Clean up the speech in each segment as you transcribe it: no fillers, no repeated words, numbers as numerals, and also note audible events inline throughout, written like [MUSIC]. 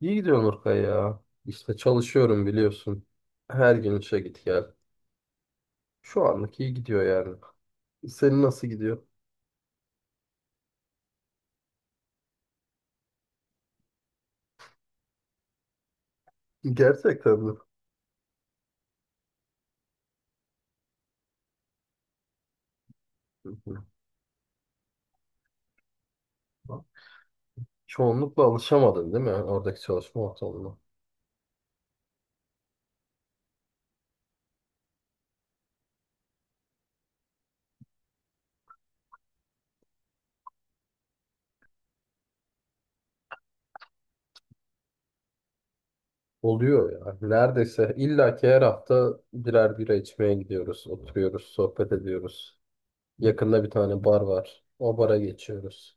İyi gidiyor Nurkay ya. İşte çalışıyorum biliyorsun. Her gün işe git gel. Şu anlık iyi gidiyor yani. Senin nasıl gidiyor? Gerçekten mi? Hı hı. Çoğunlukla alışamadın değil mi oradaki çalışma ortamına? Oluyor ya. Neredeyse illaki her hafta birer bira içmeye gidiyoruz. Oturuyoruz, sohbet ediyoruz. Yakında bir tane bar var. O bara geçiyoruz.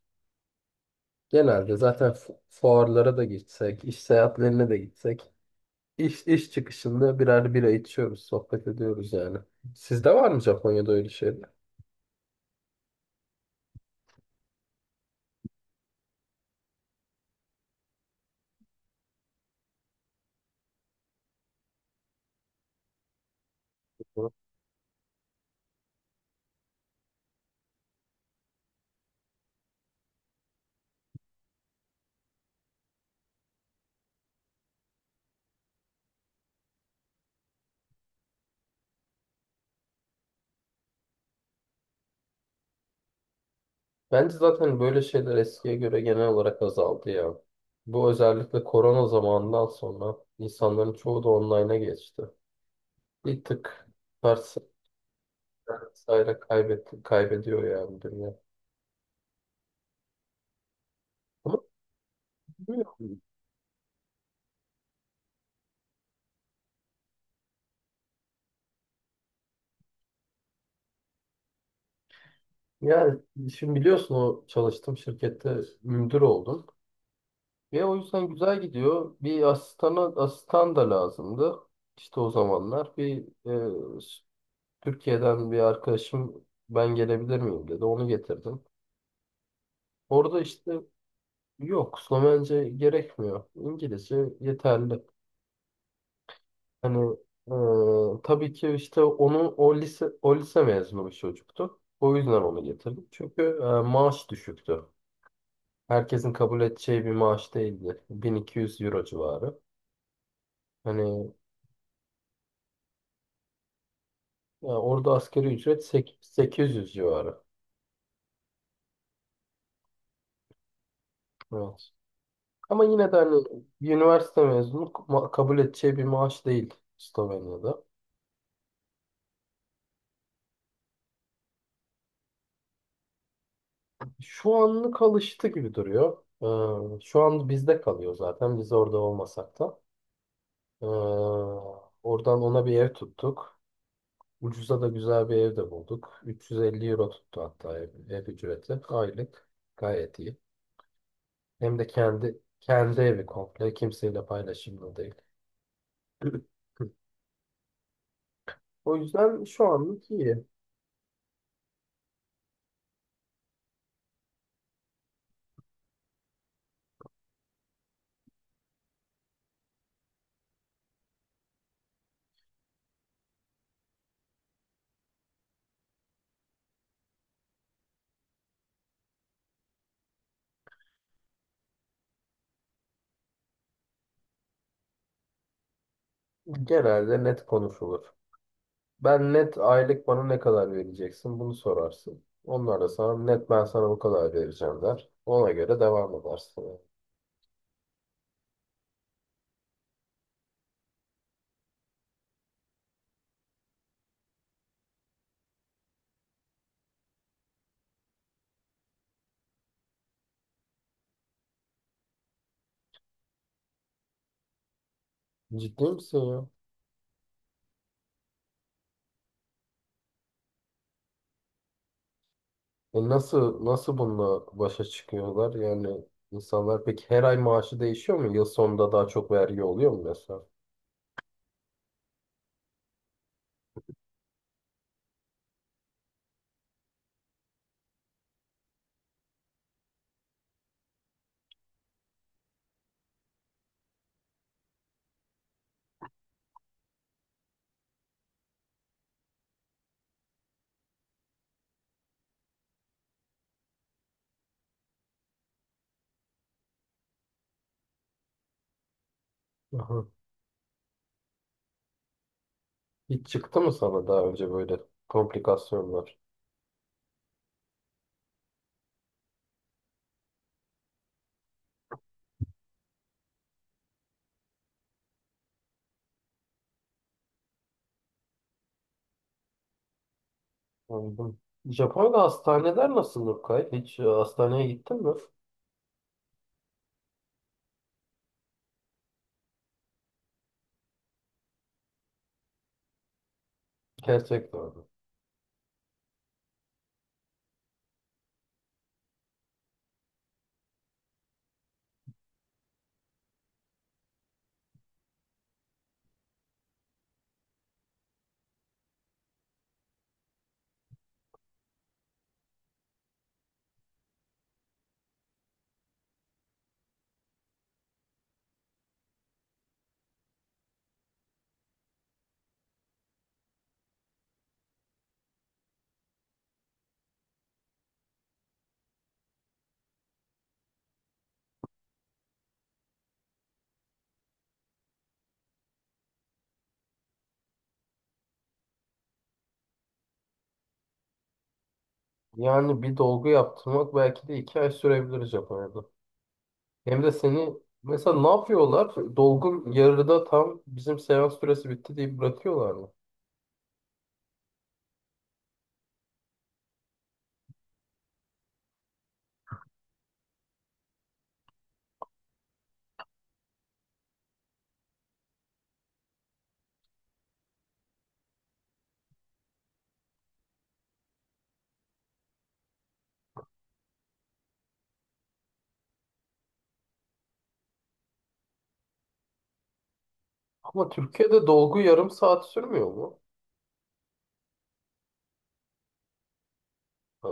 Genelde zaten fuarlara da gitsek, iş seyahatlerine de gitsek İş çıkışında birer bira içiyoruz, sohbet ediyoruz yani. Sizde var mı Japonya'da öyle şeyler? Bence zaten böyle şeyler eskiye göre genel olarak azaldı ya. Bu özellikle korona zamanından sonra insanların çoğu da online'a geçti. Bir tık ters vesaire kaybetti, kaybediyor yani dünya. Ama bilmiyorum. Yani şimdi biliyorsun o çalıştığım şirkette müdür oldum. Ve o yüzden güzel gidiyor. Bir asistana, asistan da lazımdı. İşte o zamanlar bir e, s- Türkiye'den bir arkadaşım ben gelebilir miyim dedi. Onu getirdim. Orada işte yok, Slovence gerekmiyor. İngilizce yeterli. Hani tabii ki işte onu o lise mezunu bir çocuktu. O yüzden onu getirdim. Çünkü maaş düşüktü. Herkesin kabul edeceği bir maaş değildi. 1.200 euro civarı. Hani yani orada asgari ücret 800 civarı. Evet. Ama yine de hani bir üniversite mezunu kabul edeceği bir maaş değil Slovenya'da. Şu anlık alıştı gibi duruyor. Şu an bizde kalıyor zaten. Biz orada olmasak da. Ee, Oradan ona bir ev tuttuk. Ucuza da güzel bir ev de bulduk. 350 euro tuttu hatta ev ücreti. Aylık. Gayet iyi. Hem de kendi evi komple. Kimseyle paylaşımlı değil. [CLEARS THROAT] O yüzden şu anlık iyi. Genelde net konuşulur. Ben net aylık bana ne kadar vereceksin bunu sorarsın. Onlar da sana net ben sana bu kadar vereceğim der. Ona göre devam edersin yani. Ciddi misin ya? E nasıl bununla başa çıkıyorlar? Yani insanlar peki her ay maaşı değişiyor mu? Yıl sonunda daha çok vergi oluyor mu mesela? Aha. Hiç çıktı mı sana daha önce böyle komplikasyonlar? Anladım. Japonya'da hastaneler nasıl Nurkay? Hiç hastaneye gittin mi? Gerçekten öyle. Yani bir dolgu yaptırmak belki de 2 ay sürebilir Japonya'da. Hem de seni mesela ne yapıyorlar? Dolgun yarıda tam bizim seans süresi bitti deyip bırakıyorlar mı? Ama Türkiye'de dolgu yarım saat sürmüyor mu? Ha,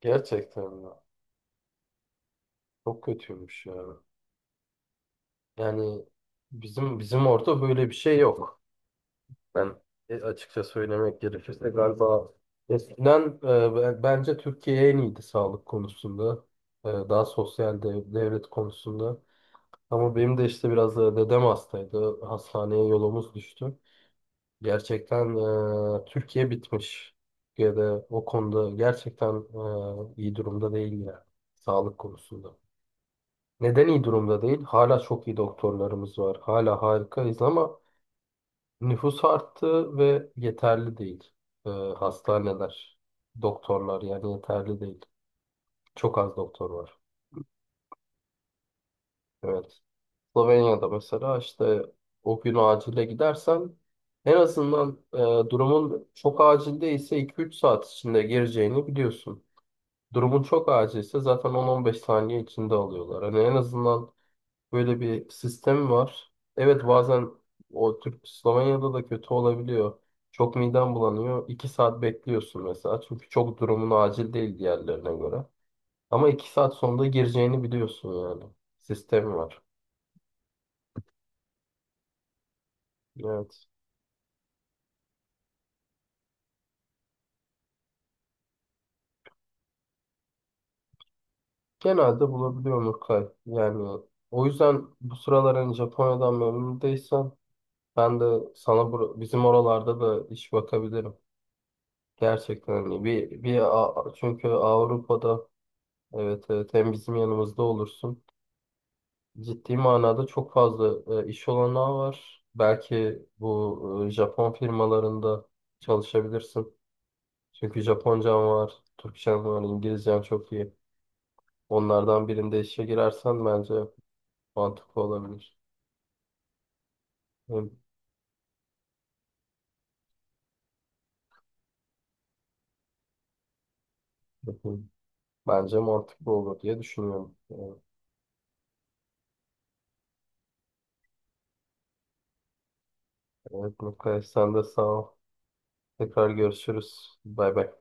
gerçekten ya. Çok kötüymüş yani. Yani bizim orada böyle bir şey yok. Ben açıkça söylemek gerekirse galiba eskiden bence Türkiye en iyiydi sağlık konusunda. E, daha sosyal devlet konusunda. Ama benim de işte biraz da dedem hastaydı. Hastaneye yolumuz düştü. Gerçekten Türkiye bitmiş. Türkiye'de o konuda gerçekten iyi durumda değil ya. Sağlık konusunda. Neden iyi durumda değil? Hala çok iyi doktorlarımız var. Hala harikayız ama nüfus arttı ve yeterli değil. E, hastaneler, doktorlar yani yeterli değil. Çok az doktor var. Evet. Slovenya'da mesela işte o gün acile gidersen en azından durumun çok acil değilse 2-3 saat içinde gireceğini biliyorsun. Durumun çok acilse zaten 10-15 saniye içinde alıyorlar. Hani en azından böyle bir sistem var. Evet bazen o Türk Slovenya'da da kötü olabiliyor. Çok miden bulanıyor. 2 saat bekliyorsun mesela. Çünkü çok durumun acil değil diğerlerine göre. Ama 2 saat sonunda gireceğini biliyorsun yani. Sistem var. Evet. Genelde bulabiliyorum Urkay. Yani o yüzden bu sıralar hani Japonya'dan memnun değilsen ben de sana bizim oralarda da iş bakabilirim. Gerçekten hani bir çünkü Avrupa'da evet evet hem bizim yanımızda olursun. Ciddi manada çok fazla iş olanağı var. Belki bu Japon firmalarında çalışabilirsin. Çünkü Japoncam var, Türkçem var, İngilizcem çok iyi. Onlardan birinde işe girersen bence mantıklı olabilir. Hı, hı, hı. Bence mantıklı olur diye düşünüyorum. Evet, evet Mukay, sen de sağ ol. Tekrar görüşürüz. Bay bay.